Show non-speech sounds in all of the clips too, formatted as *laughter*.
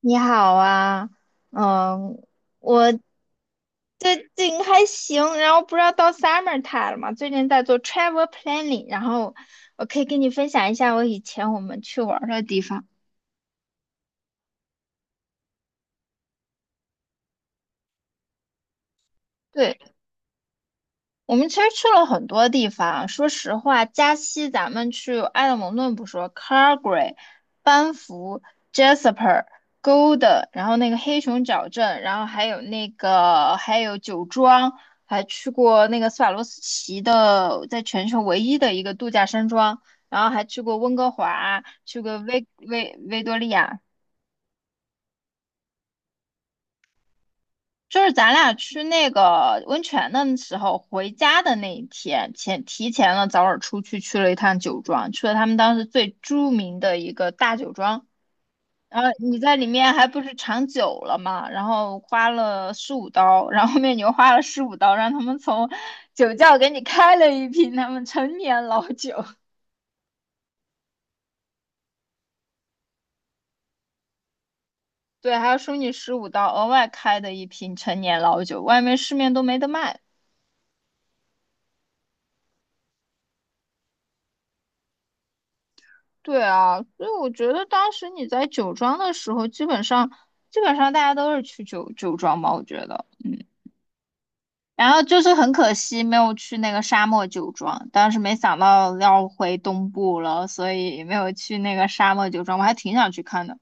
你好啊。嗯，我最近还行，然后不知道到 summer time 了嘛，最近在做 travel planning，然后我可以跟你分享一下我以前我们去玩儿的地方对。我们其实去了很多地方，说实话，加西咱们去埃德蒙顿不说 c a r g a r y、 班夫、Jasper、Golden，然后那个黑熊角镇，然后还有酒庄，还去过那个斯瓦洛斯奇的，在全球唯一的一个度假山庄，然后还去过温哥华，去过维多利亚，就是咱俩去那个温泉的时候，回家的那一天，提前了早点出去，去了一趟酒庄，去了他们当时最著名的一个大酒庄。然后你在里面还不是尝酒了嘛，然后花了十五刀，然后后面你又花了十五刀，让他们从酒窖给你开了一瓶他们陈年老酒，*laughs* 对，还要收你十五刀额外开的一瓶陈年老酒，外面市面都没得卖。对啊，所以我觉得当时你在酒庄的时候，基本上大家都是去酒庄吧，我觉得。然后就是很可惜没有去那个沙漠酒庄，当时没想到要回东部了，所以没有去那个沙漠酒庄，我还挺想去看的。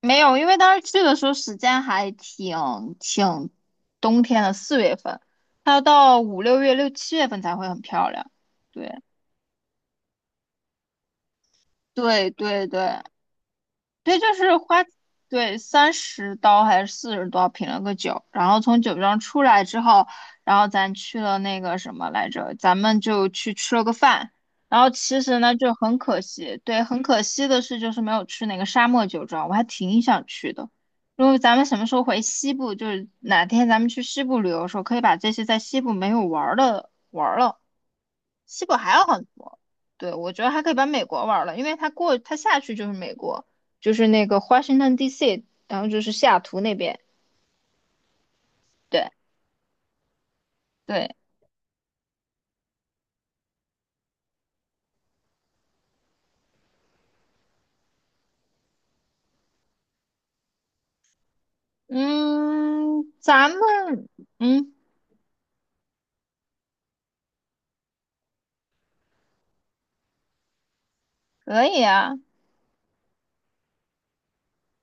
没有，因为当时去的时候时间还挺冬天的，4月份，它要到5、6月、6、7月份才会很漂亮。对对对对，对，就是花，对，30刀还是40刀品了个酒，然后从酒庄出来之后，然后咱去了那个什么来着，咱们就去吃了个饭，然后其实呢就很可惜，对，很可惜的是就是没有去那个沙漠酒庄，我还挺想去的。如果咱们什么时候回西部，就是哪天咱们去西部旅游的时候，可以把这些在西部没有玩儿的玩儿了。西部还有很多。对，我觉得还可以把美国玩了，因为它过它下去就是美国，就是那个 Washington D.C.,然后就是西雅图那边。对对。嗯，咱们嗯可以啊。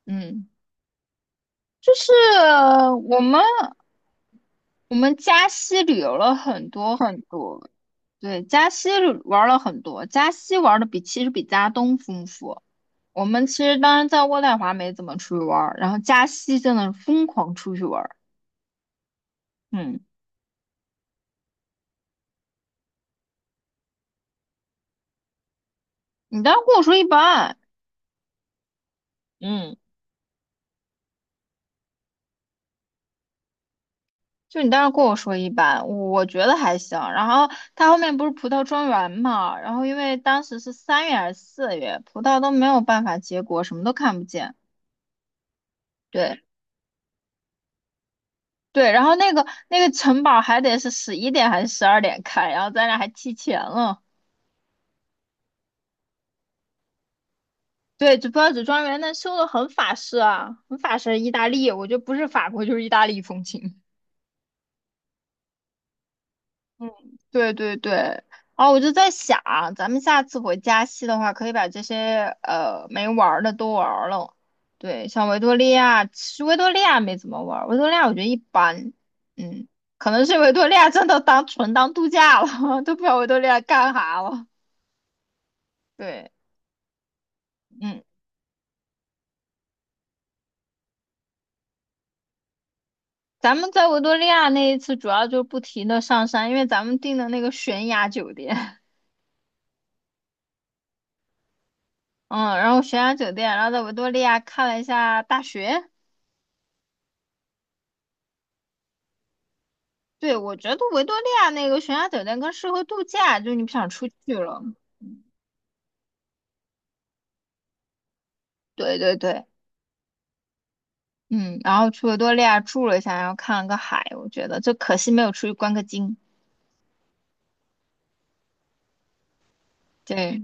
嗯，就是我们我们加西旅游了很多很多。对，加西玩了很多，加西玩的其实比加东丰富。我们其实当然在渥太华没怎么出去玩儿，然后加西真的是疯狂出去玩。嗯，你当时跟我说一般。嗯，就你当时跟我说一般，我觉得还行。然后它后面不是葡萄庄园嘛，然后因为当时是3月还是四月，葡萄都没有办法结果，什么都看不见。对对，然后那个城堡还得是11点还是12点开，然后咱俩还提前了。对，就葡萄只庄园那修的很法式意大利，我觉得不是法国就是意大利风情。嗯，对对对，然后我就在想啊，咱们下次回加西的话，可以把这些没玩儿的都玩儿了。对，像维多利亚，其实维多利亚没怎么玩儿，维多利亚我觉得一般。嗯，可能是维多利亚真的当度假了，*laughs* 都不知道维多利亚干啥了。对。嗯，咱们在维多利亚那一次主要就不停的上山，因为咱们订的那个悬崖酒店，*laughs* 嗯，然后悬崖酒店，然后在维多利亚看了一下大学。对，我觉得维多利亚那个悬崖酒店更适合度假，就你不想出去了。对对对。嗯，然后去维多利亚住了一下，然后看了个海，我觉得就可惜没有出去观个景。对，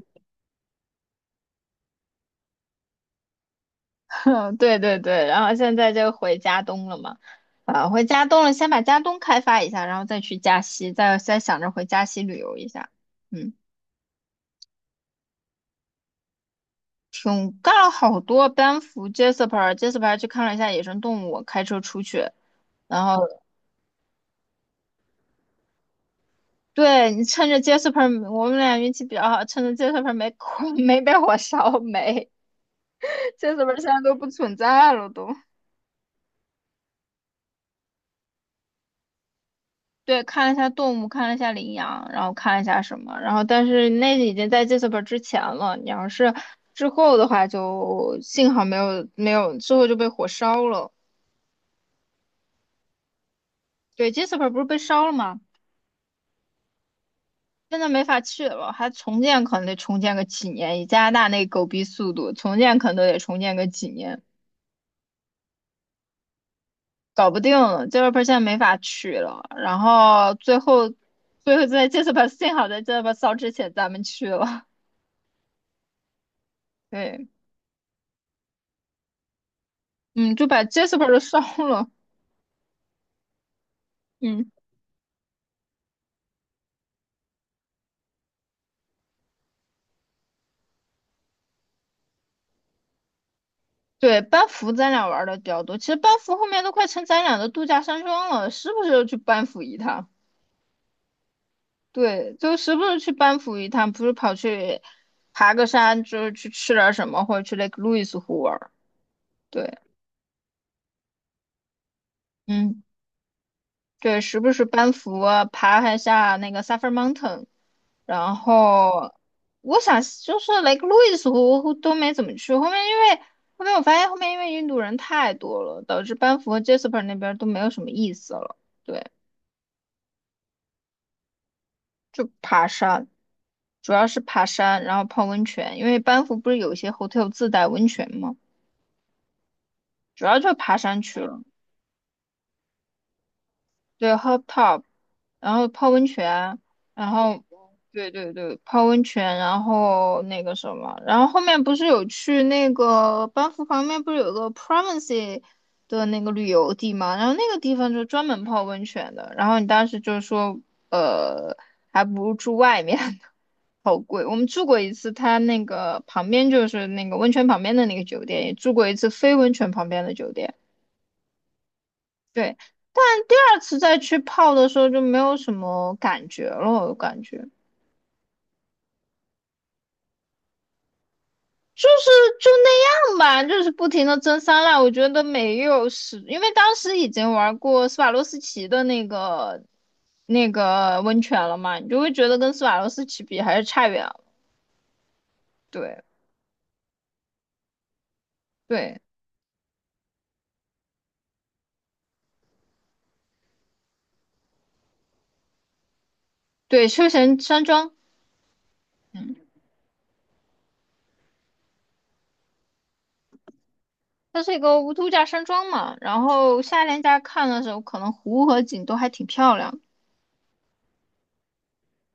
*laughs* 对对对，然后现在就回家东了嘛，啊，回家东了，先把家东开发一下，然后再去加西，再想着回加西旅游一下。嗯，挺干了好多，班夫、Jasper、Jasper 去看了一下野生动物，开车出去。然后对，你趁着 Jasper,我们俩运气比较好，趁着 Jasper 没火没被火烧没 *laughs*，Jasper 现在都不存在了都。对，看了一下动物，看了一下羚羊，然后看了一下什么，然后但是那已经在 Jasper 之前了。你要是之后的话就，幸好没有，之后就被火烧了。对，Jasper 不是被烧了吗？现在没法去了，还重建可能得重建个几年，以加拿大那狗逼速度，重建可能都得重建个几年。搞不定了，这个 p e r c e 没法取了。然后最后，在 Jasper *laughs* 幸好在 Jasper 烧之前咱们去了。对。嗯，就把 Jasper 都烧了。嗯，对，班夫咱俩玩的比较多，其实班夫后面都快成咱俩的度假山庄了，时不时就去班夫一趟。对，就时不时去班夫一趟，不是跑去爬个山，就是去吃点什么，或者去那个 k e l o u i s 湖玩。对。嗯，对，时不时班夫啊爬一下那个 s u f f i r Mountain。然后我想就是雷克路易斯湖都没怎么去，后面我发现因为印度人太多了，导致班夫和 Jasper 那边都没有什么意思了。对，就爬山，主要是爬山，然后泡温泉，因为班夫不是有一些 hotel 自带温泉吗？主要就是爬山去了。对，hot tub,然后泡温泉。然后对对对，泡温泉，然后那个什么，然后后面不是有去那个班夫旁边不是有个 Province 的那个旅游地嘛，然后那个地方就专门泡温泉的，然后你当时就说，呃，还不如住外面呢，好贵。我们住过一次，它那个旁边就是那个温泉旁边的那个酒店，也住过一次非温泉旁边的酒店。对，但第二次再去泡的时候就没有什么感觉了，我感觉就是就那样吧，就是不停的蒸桑拿，我觉得没有是，因为当时已经玩过斯瓦洛斯奇的那个温泉了嘛，你就会觉得跟斯瓦洛斯奇比还是差远了。对对对，休闲山庄。嗯，它是一个度假山庄嘛，然后夏天大家看的时候，可能湖和景都还挺漂亮的。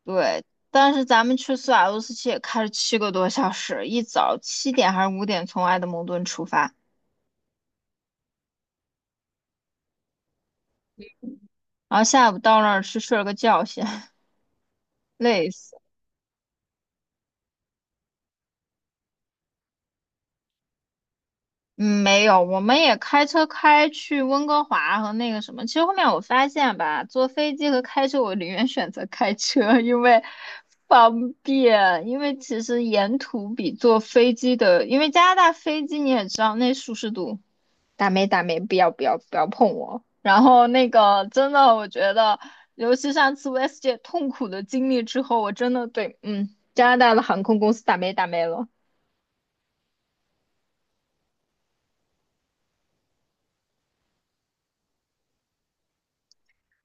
对，但是咱们去苏瓦洛斯奇也开了7个多小时，一早7点还是5点从埃德蒙顿出发，然后下午到那儿去睡了个觉先，*laughs* 累死。嗯，没有，我们也开车开去温哥华和那个什么。其实后面我发现吧，坐飞机和开车，我宁愿选择开车，因为方便。因为其实沿途比坐飞机的，因为加拿大飞机你也知道那舒适度。打没打没，不要不要不要碰我。然后那个真的，我觉得，尤其上次 West 姐痛苦的经历之后，我真的对，嗯，加拿大的航空公司打没打没了。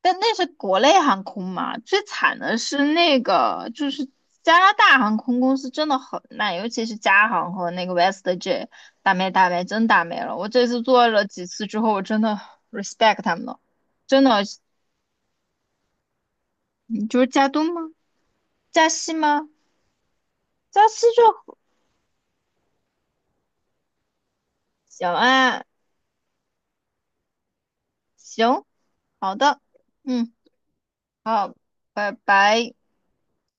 但那是国内航空嘛，最惨的是那个，就是加拿大航空公司真的很烂，尤其是加航和那个 WestJet,打没打没，真打没了。我这次做了几次之后，我真的 *laughs* respect 他们了，真的，你就是加东吗？加西吗？加西就行啊，行，好的。嗯，好，拜拜。